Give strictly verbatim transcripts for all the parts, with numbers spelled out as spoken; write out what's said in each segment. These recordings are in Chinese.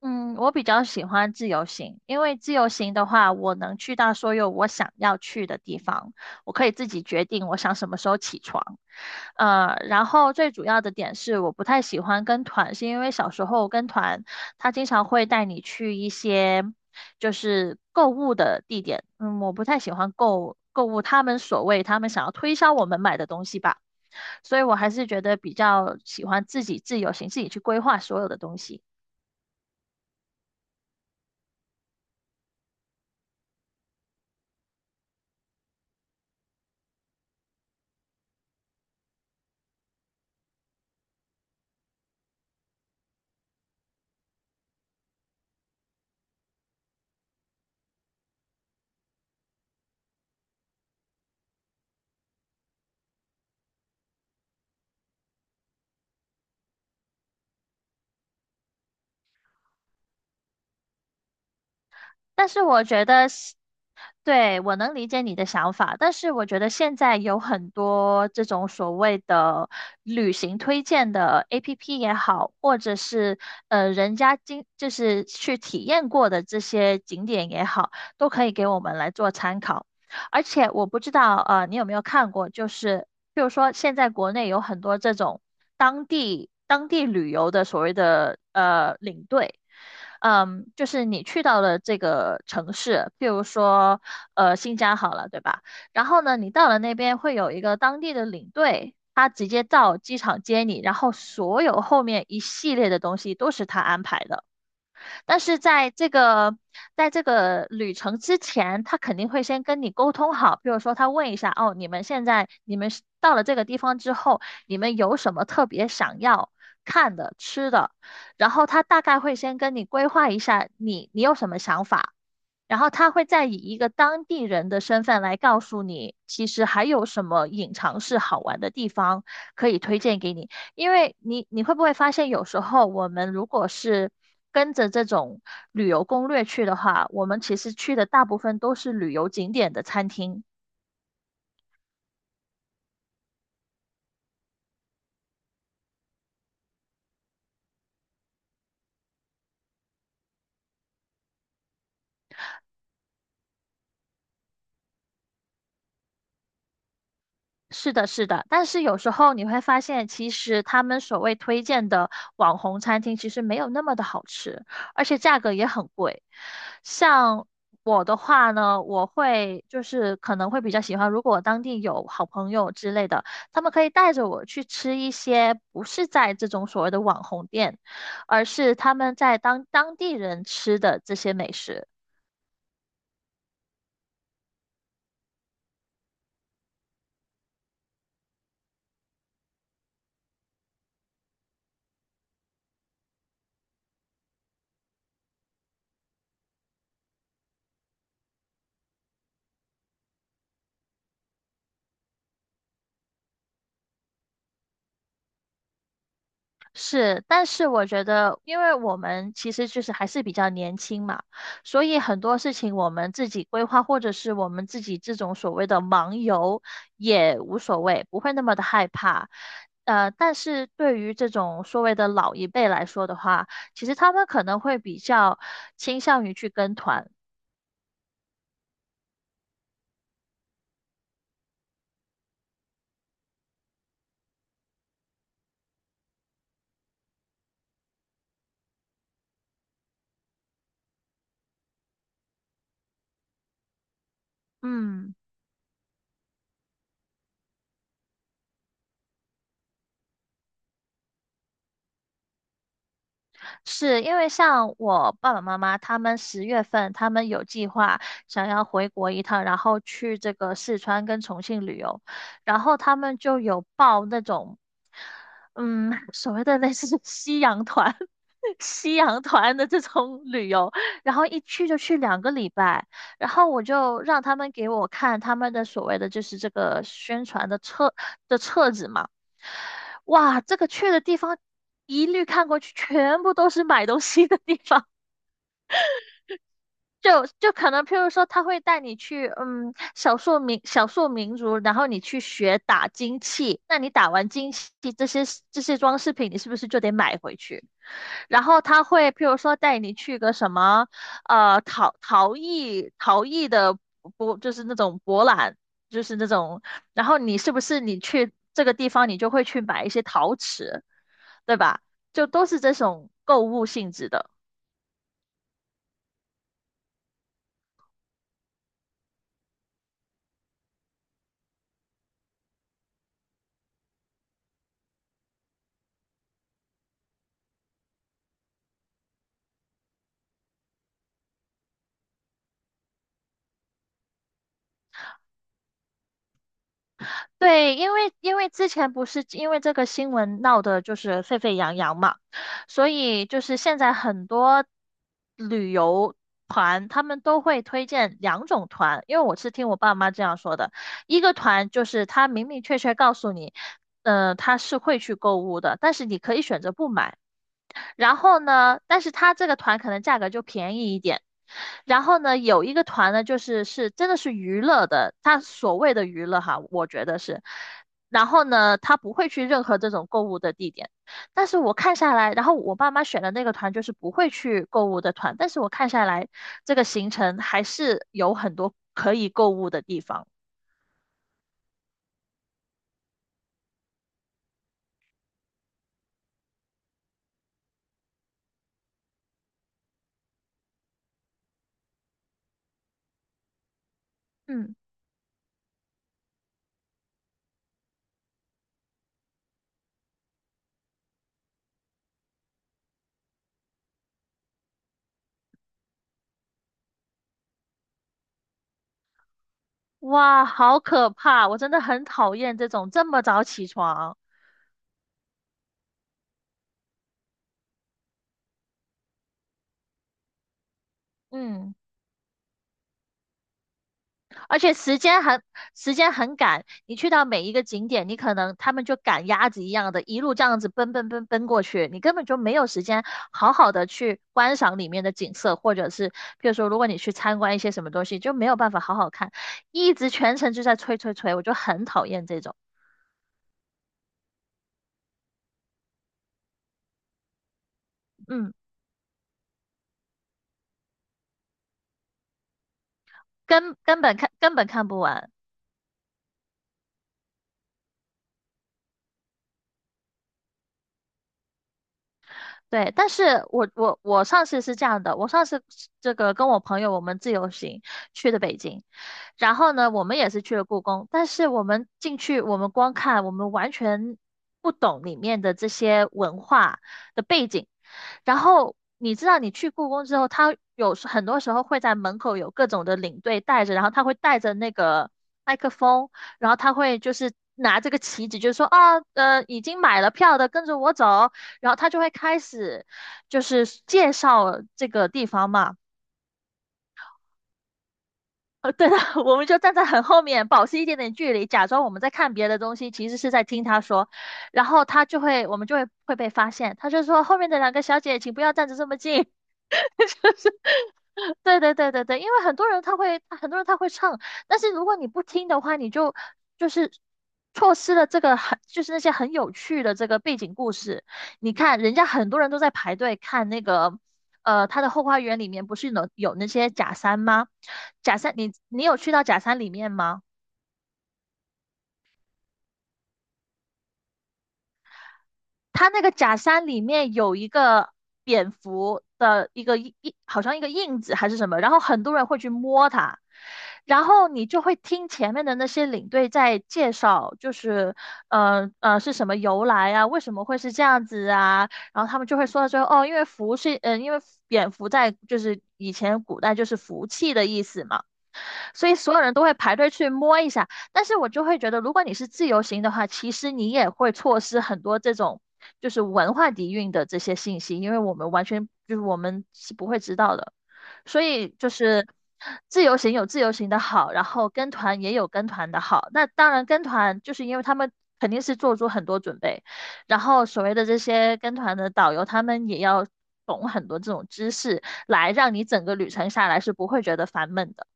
嗯，我比较喜欢自由行，因为自由行的话，我能去到所有我想要去的地方，我可以自己决定我想什么时候起床。呃，然后最主要的点是，我不太喜欢跟团，是因为小时候跟团，他经常会带你去一些就是购物的地点，嗯，我不太喜欢购购物，他们所谓他们想要推销我们买的东西吧，所以我还是觉得比较喜欢自己自由行，自己去规划所有的东西。但是我觉得是对，我能理解你的想法，但是我觉得现在有很多这种所谓的旅行推荐的 A P P 也好，或者是呃人家经就是去体验过的这些景点也好，都可以给我们来做参考。而且我不知道，呃，你有没有看过，就是比如说现在国内有很多这种当地当地旅游的所谓的呃领队，嗯，就是你去到了这个城市，譬如说呃新疆好了，对吧？然后呢，你到了那边会有一个当地的领队。他直接到机场接你，然后所有后面一系列的东西都是他安排的。但是在这个在这个旅程之前，他肯定会先跟你沟通好，比如说他问一下，哦，你们现在你们是到了这个地方之后，你们有什么特别想要看的、吃的，然后他大概会先跟你规划一下你你有什么想法。然后他会再以一个当地人的身份来告诉你，其实还有什么隐藏式好玩的地方可以推荐给你。因为你你会不会发现，有时候我们如果是跟着这种旅游攻略去的话，我们其实去的大部分都是旅游景点的餐厅。是的，是的，但是有时候你会发现，其实他们所谓推荐的网红餐厅，其实没有那么的好吃，而且价格也很贵。像我的话呢，我会就是可能会比较喜欢，如果当地有好朋友之类的，他们可以带着我去吃一些不是在这种所谓的网红店，而是他们在当当地人吃的这些美食。是，但是我觉得，因为我们其实就是还是比较年轻嘛，所以很多事情我们自己规划，或者是我们自己这种所谓的盲游也无所谓，不会那么的害怕。呃，但是对于这种所谓的老一辈来说的话，其实他们可能会比较倾向于去跟团。嗯。是因为像我爸爸妈妈，他们十月份他们有计划想要回国一趟，然后去这个四川跟重庆旅游，然后他们就有报那种，嗯，所谓的类似夕阳团、夕阳团的这种旅游，然后一去就去两个礼拜，然后我就让他们给我看他们的所谓的就是这个宣传的册的册子嘛。哇，这个去的地方一律看过去，全部都是买东西的地方。就就可能，譬如说，他会带你去，嗯，少数民少数民族，然后你去学打金器。那你打完金器，这些这些装饰品，你是不是就得买回去？然后他会，譬如说，带你去个什么，呃，陶陶艺陶艺的博，就是那种博览，就是那种。然后你是不是你去这个地方，你就会去买一些陶瓷？对吧？就都是这种购物性质的。对，因为因为之前不是因为这个新闻闹得就是沸沸扬扬嘛，所以就是现在很多旅游团他们都会推荐两种团，因为我是听我爸妈这样说的，一个团就是他明明确确告诉你，呃，他是会去购物的，但是你可以选择不买。然后呢，但是他这个团可能价格就便宜一点。然后呢，有一个团呢，就是是真的是娱乐的，他所谓的娱乐哈，我觉得是。然后呢，他不会去任何这种购物的地点。但是我看下来，然后我爸妈选的那个团就是不会去购物的团，但是我看下来这个行程还是有很多可以购物的地方。嗯，哇，好可怕！我真的很讨厌这种这么早起床。嗯。而且时间很时间很赶，你去到每一个景点，你可能他们就赶鸭子一样的，一路这样子奔奔奔奔过去，你根本就没有时间好好的去观赏里面的景色，或者是譬如说，如果你去参观一些什么东西，就没有办法好好看，一直全程就在催催催，我就很讨厌这种，嗯，根根本看根本看不完。对，但是我我我上次是这样的，我上次是这个跟我朋友我们自由行去的北京，然后呢，我们也是去了故宫，但是我们进去，我们光看，我们完全不懂里面的这些文化的背景。然后你知道，你去故宫之后，他有时很多时候会在门口有各种的领队带着，然后他会带着那个麦克风，然后他会就是拿这个旗子，就是说啊，呃，已经买了票的跟着我走，然后他就会开始就是介绍这个地方嘛。呃，对的，我们就站在很后面，保持一点点距离，假装我们在看别的东西，其实是在听他说。然后他就会，我们就会会被发现。他就说后面的两个小姐，请不要站着这么近。对对对对对，因为很多人他会，很多人他会唱，但是如果你不听的话，你就就是错失了这个很，就是那些很有趣的这个背景故事。你看，人家很多人都在排队看那个，呃，他的后花园里面不是有有那些假山吗？假山，你你有去到假山里面吗？它那个假山里面有一个蝙蝠的一个印，好像一个印子还是什么，然后很多人会去摸它，然后你就会听前面的那些领队在介绍，就是呃呃是什么由来啊，为什么会是这样子啊，然后他们就会说到最后，哦，因为福是，嗯、因为蝙蝠在就是以前古代就是福气的意思嘛。所以所有人都会排队去摸一下。但是我就会觉得，如果你是自由行的话，其实你也会错失很多这种就是文化底蕴的这些信息，因为我们完全就是我们是不会知道的。所以就是自由行有自由行的好，然后跟团也有跟团的好。那当然跟团就是因为他们肯定是做出很多准备，然后所谓的这些跟团的导游，他们也要懂很多这种知识，来让你整个旅程下来是不会觉得烦闷的。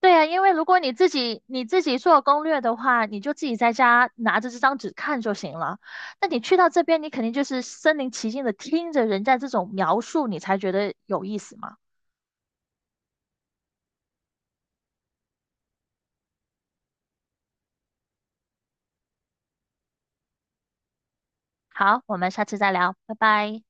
对呀，因为如果你自己你自己做攻略的话，你就自己在家拿着这张纸看就行了。那你去到这边，你肯定就是身临其境的听着人家这种描述，你才觉得有意思嘛。好，我们下次再聊，拜拜。